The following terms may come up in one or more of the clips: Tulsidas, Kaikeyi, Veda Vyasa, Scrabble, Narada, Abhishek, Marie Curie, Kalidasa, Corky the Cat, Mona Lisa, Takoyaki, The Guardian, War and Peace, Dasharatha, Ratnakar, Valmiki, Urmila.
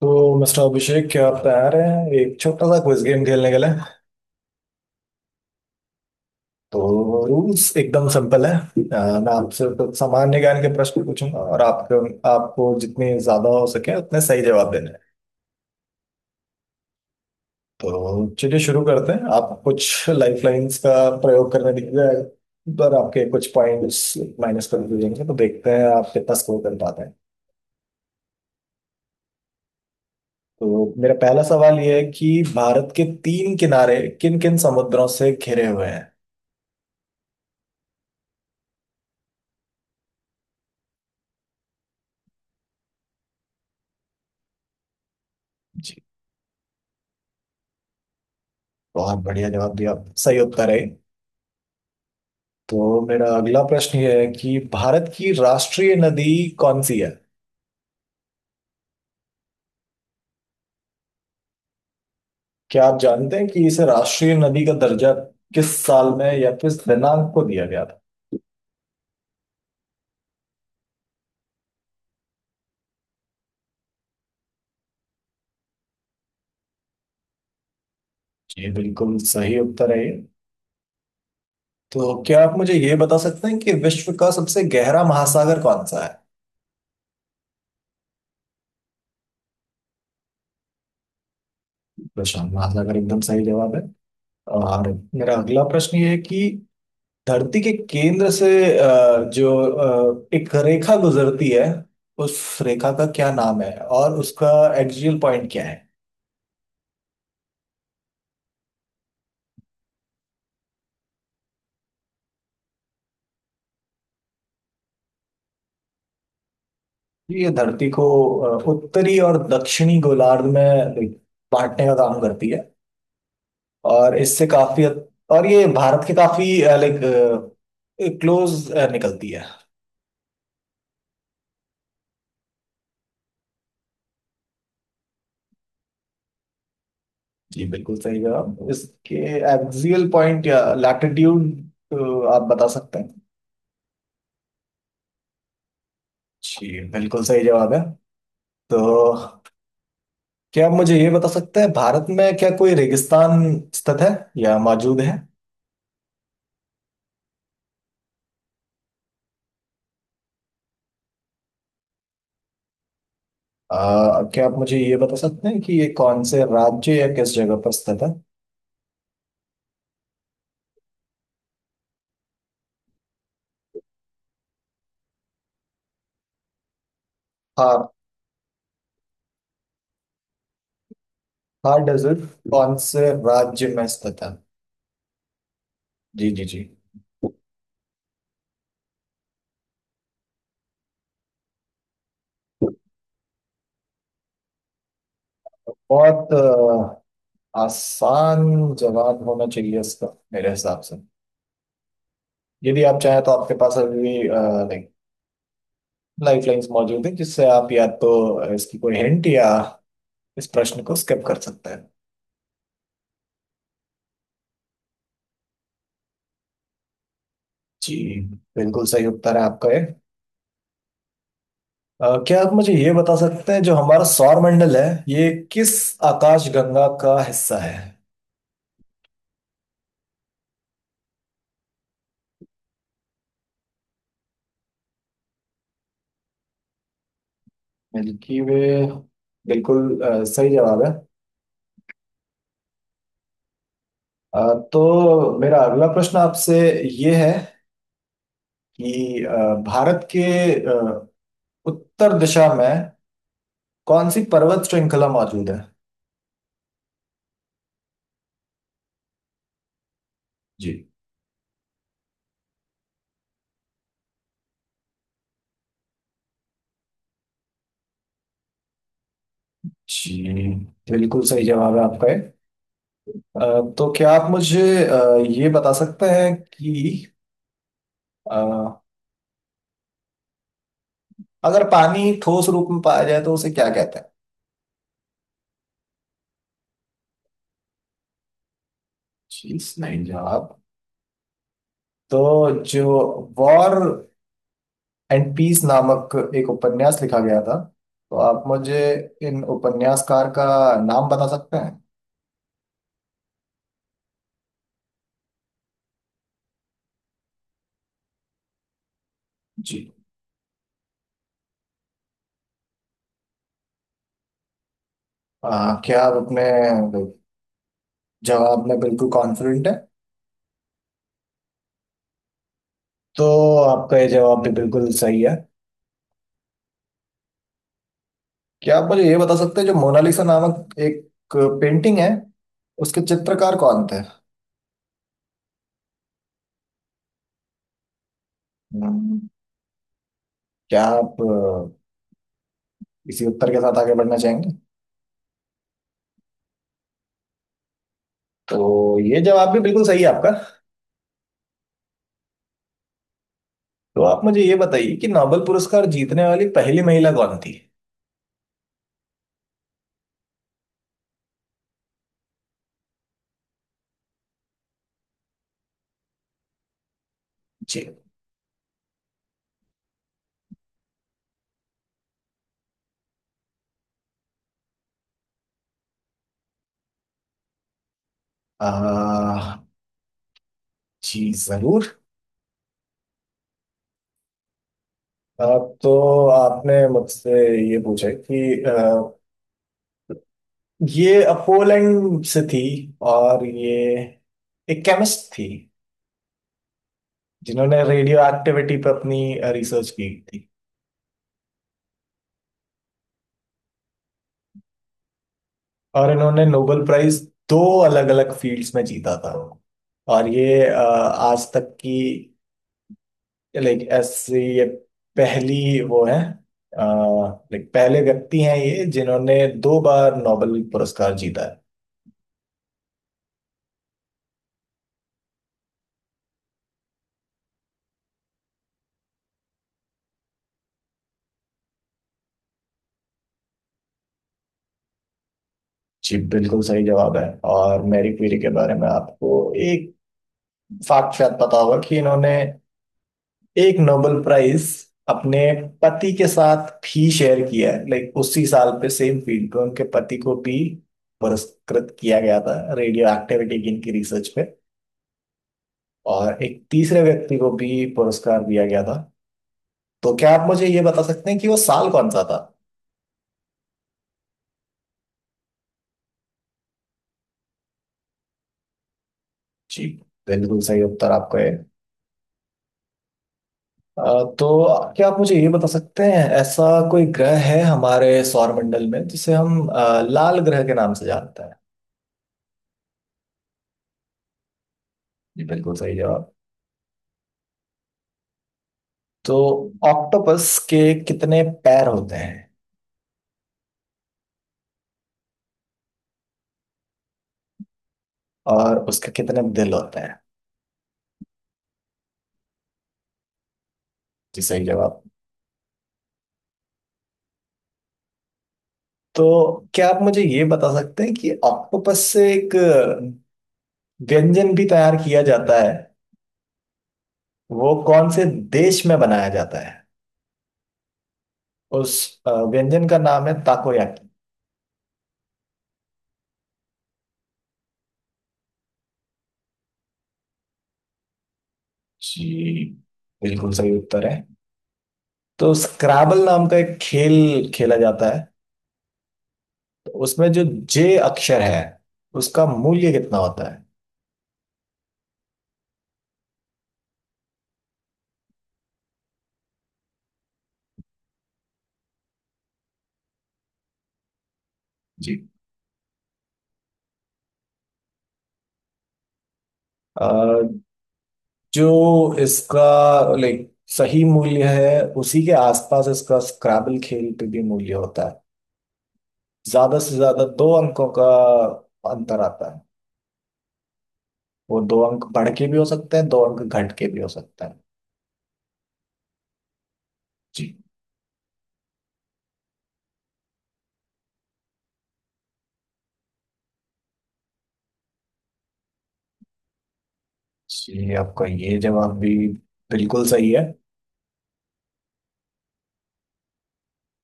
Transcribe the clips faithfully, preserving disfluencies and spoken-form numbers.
तो मिस्टर अभिषेक, क्या आप तैयार हैं एक छोटा सा क्विज गेम खेलने के लिए? तो रूल्स एकदम सिंपल है। अ, मैं आपसे कुछ सामान्य ज्ञान के प्रश्न पूछूंगा, और आपको आपको जितने ज्यादा हो सके उतने सही जवाब देने हैं। तो चलिए शुरू करते हैं। आप कुछ लाइफ लाइंस का प्रयोग करने दिख जाएगा, पर आपके कुछ पॉइंट्स माइनस कर दिए जाएंगे। तो देखते हैं आप कितना स्कोर कर पाते हैं। तो मेरा पहला सवाल ये है कि भारत के तीन किनारे किन किन समुद्रों से घिरे हुए हैं? बहुत बढ़िया जवाब दिया, सही उत्तर है। तो मेरा अगला प्रश्न ये है कि भारत की राष्ट्रीय नदी कौन सी है? क्या आप जानते हैं कि इसे राष्ट्रीय नदी का दर्जा किस साल में या किस दिनांक को दिया गया था? जी, बिल्कुल सही उत्तर है ये। तो क्या आप मुझे ये बता सकते हैं कि विश्व का सबसे गहरा महासागर कौन सा है? प्रशांत महासागर, एकदम सही जवाब है। और मेरा अगला प्रश्न ये है कि धरती के केंद्र से अ, जो अ, एक रेखा गुजरती है, उस रेखा का क्या नाम है, और उसका एक्सियल पॉइंट क्या है? ये धरती को अ, उत्तरी और दक्षिणी गोलार्ध में like, बांटने का काम करती है। और इससे काफी हद- और ये भारत के काफी लाइक क्लोज निकलती है। जी, बिल्कुल सही जवाब। इसके एक्सियल पॉइंट या लैटिट्यूड आप बता सकते हैं? जी, बिल्कुल सही जवाब है। तो क्या आप मुझे ये बता सकते हैं, भारत में क्या कोई रेगिस्तान स्थित है या मौजूद है? आ, क्या आप मुझे ये बता सकते हैं कि ये कौन से राज्य या किस जगह पर स्थित है? थार। थार डेजर्ट कौन से राज्य में स्थित है? जी, जी, जी। बहुत अ, आसान जवाब होना चाहिए इसका मेरे हिसाब से। यदि आप चाहें तो आपके पास अभी लाइक लाइफ लाइंस मौजूद है, जिससे आप या तो इसकी कोई हिंट या इस प्रश्न को स्किप कर सकते हैं। जी, बिल्कुल सही उत्तर है आपका ये। अ, क्या आप मुझे ये बता सकते हैं, जो हमारा सौरमंडल है ये किस आकाशगंगा का हिस्सा है? मिल्की वे, बिल्कुल अ, सही जवाब है। अ, तो मेरा अगला प्रश्न आपसे ये है कि अ, भारत के अ, उत्तर दिशा में कौन सी पर्वत श्रृंखला मौजूद है? जी, जी, बिल्कुल सही जवाब है आपका ये। अ, तो क्या आप मुझे अ, ये बता सकते हैं कि अ, अगर पानी ठोस रूप में पाया जाए तो उसे क्या कहते हैं? चीज नहीं, जवाब जवाब। तो जो वॉर एंड पीस नामक एक उपन्यास लिखा गया था, तो आप मुझे इन उपन्यासकार का नाम बता सकते हैं? जी, आ, क्या आप अपने जवाब में बिल्कुल कॉन्फिडेंट है? तो आपका ये जवाब भी बिल्कुल सही है। क्या आप मुझे ये बता सकते हैं, जो मोनालिसा नामक एक पेंटिंग है, उसके चित्रकार कौन थे? हम्म, क्या आप अ, इसी उत्तर के साथ आगे बढ़ना चाहेंगे? तो ये जवाब भी बिल्कुल सही है आपका। तो आप मुझे ये बताइए कि नोबेल पुरस्कार जीतने वाली पहली महिला कौन थी? जी, आ, जी जरूर। आ, तो आपने मुझसे ये पूछा है कि, आ, ये पोलैंड से थी, और ये एक केमिस्ट थी जिन्होंने रेडियो एक्टिविटी पर अपनी रिसर्च की थी। और इन्होंने नोबेल प्राइज दो अलग अलग फील्ड्स में जीता था। और ये अ, आज तक की लाइक ऐसे ये पहली वो है लाइक पहले व्यक्ति हैं ये जिन्होंने दो बार नोबेल पुरस्कार जीता है। जी, बिल्कुल सही जवाब है। और मैरी क्यूरी के बारे में आपको एक फैक्ट शायद पता होगा कि इन्होंने एक नोबेल प्राइज अपने पति के साथ भी शेयर किया है। लाइक उसी साल पे सेम फील्ड पे उनके पति को भी पुरस्कृत किया गया था, रेडियो एक्टिविटी की इनकी रिसर्च पे। और एक तीसरे व्यक्ति को भी पुरस्कार दिया गया था। तो क्या आप मुझे ये बता सकते हैं कि वो साल कौन सा था? जी, बिल्कुल सही उत्तर आपका है। अ, तो क्या आप मुझे ये बता सकते हैं, ऐसा कोई ग्रह है हमारे सौरमंडल में जिसे हम अ, लाल ग्रह के नाम से जानते हैं? जी, बिल्कुल सही जवाब। तो ऑक्टोपस के कितने पैर होते हैं? और उसके कितने दिल होते हैं? जी, सही जवाब। तो क्या आप मुझे ये बता सकते हैं कि ऑक्टोपस से एक व्यंजन भी तैयार किया जाता है, वो कौन से देश में बनाया जाता है? उस अ, व्यंजन का नाम है ताकोयाकी। जी, बिल्कुल सही उत्तर है। तो स्क्रैबल नाम का एक खेल खेला जाता है, तो उसमें जो जे अक्षर है, उसका मूल्य कितना होता है? जी, जो इसका लाइक सही मूल्य है, उसी के आसपास इसका स्क्रैबल खेल पे भी मूल्य होता है। ज्यादा से ज्यादा दो अंकों का अंतर आता है। वो दो अंक बढ़ के भी हो सकते हैं, दो अंक घट के भी हो सकते हैं। जी। जी, आपका ये जवाब भी बिल्कुल सही है।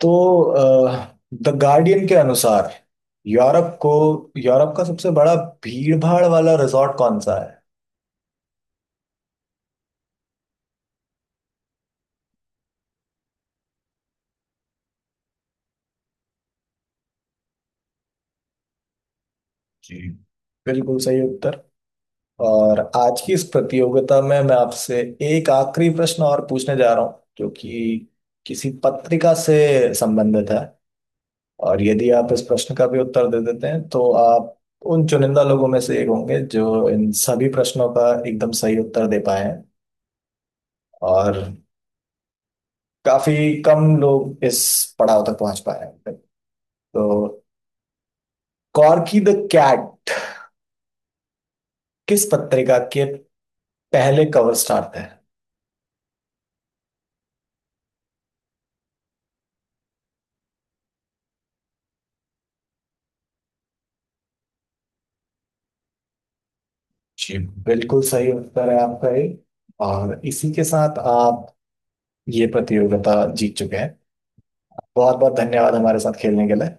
तो द गार्डियन के अनुसार, यूरोप को यूरोप का सबसे बड़ा भीड़ भाड़ वाला रिजॉर्ट कौन सा है? जी, बिल्कुल सही उत्तर। और आज की इस प्रतियोगिता में मैं आपसे एक आखिरी प्रश्न और पूछने जा रहा हूँ, जो कि किसी पत्रिका से संबंधित है। और यदि आप इस प्रश्न का भी उत्तर दे देते हैं तो आप उन चुनिंदा लोगों में से एक होंगे जो इन सभी प्रश्नों का एकदम सही उत्तर दे पाए हैं। और काफी कम लोग इस पड़ाव तक पहुंच पाए हैं। तो कॉर्की द कैट किस पत्रिका के पहले कवर स्टार थे? जी, बिल्कुल सही उत्तर है आपका ये। और इसी के साथ आप ये प्रतियोगिता जीत चुके हैं। बहुत बहुत धन्यवाद हमारे साथ खेलने के लिए।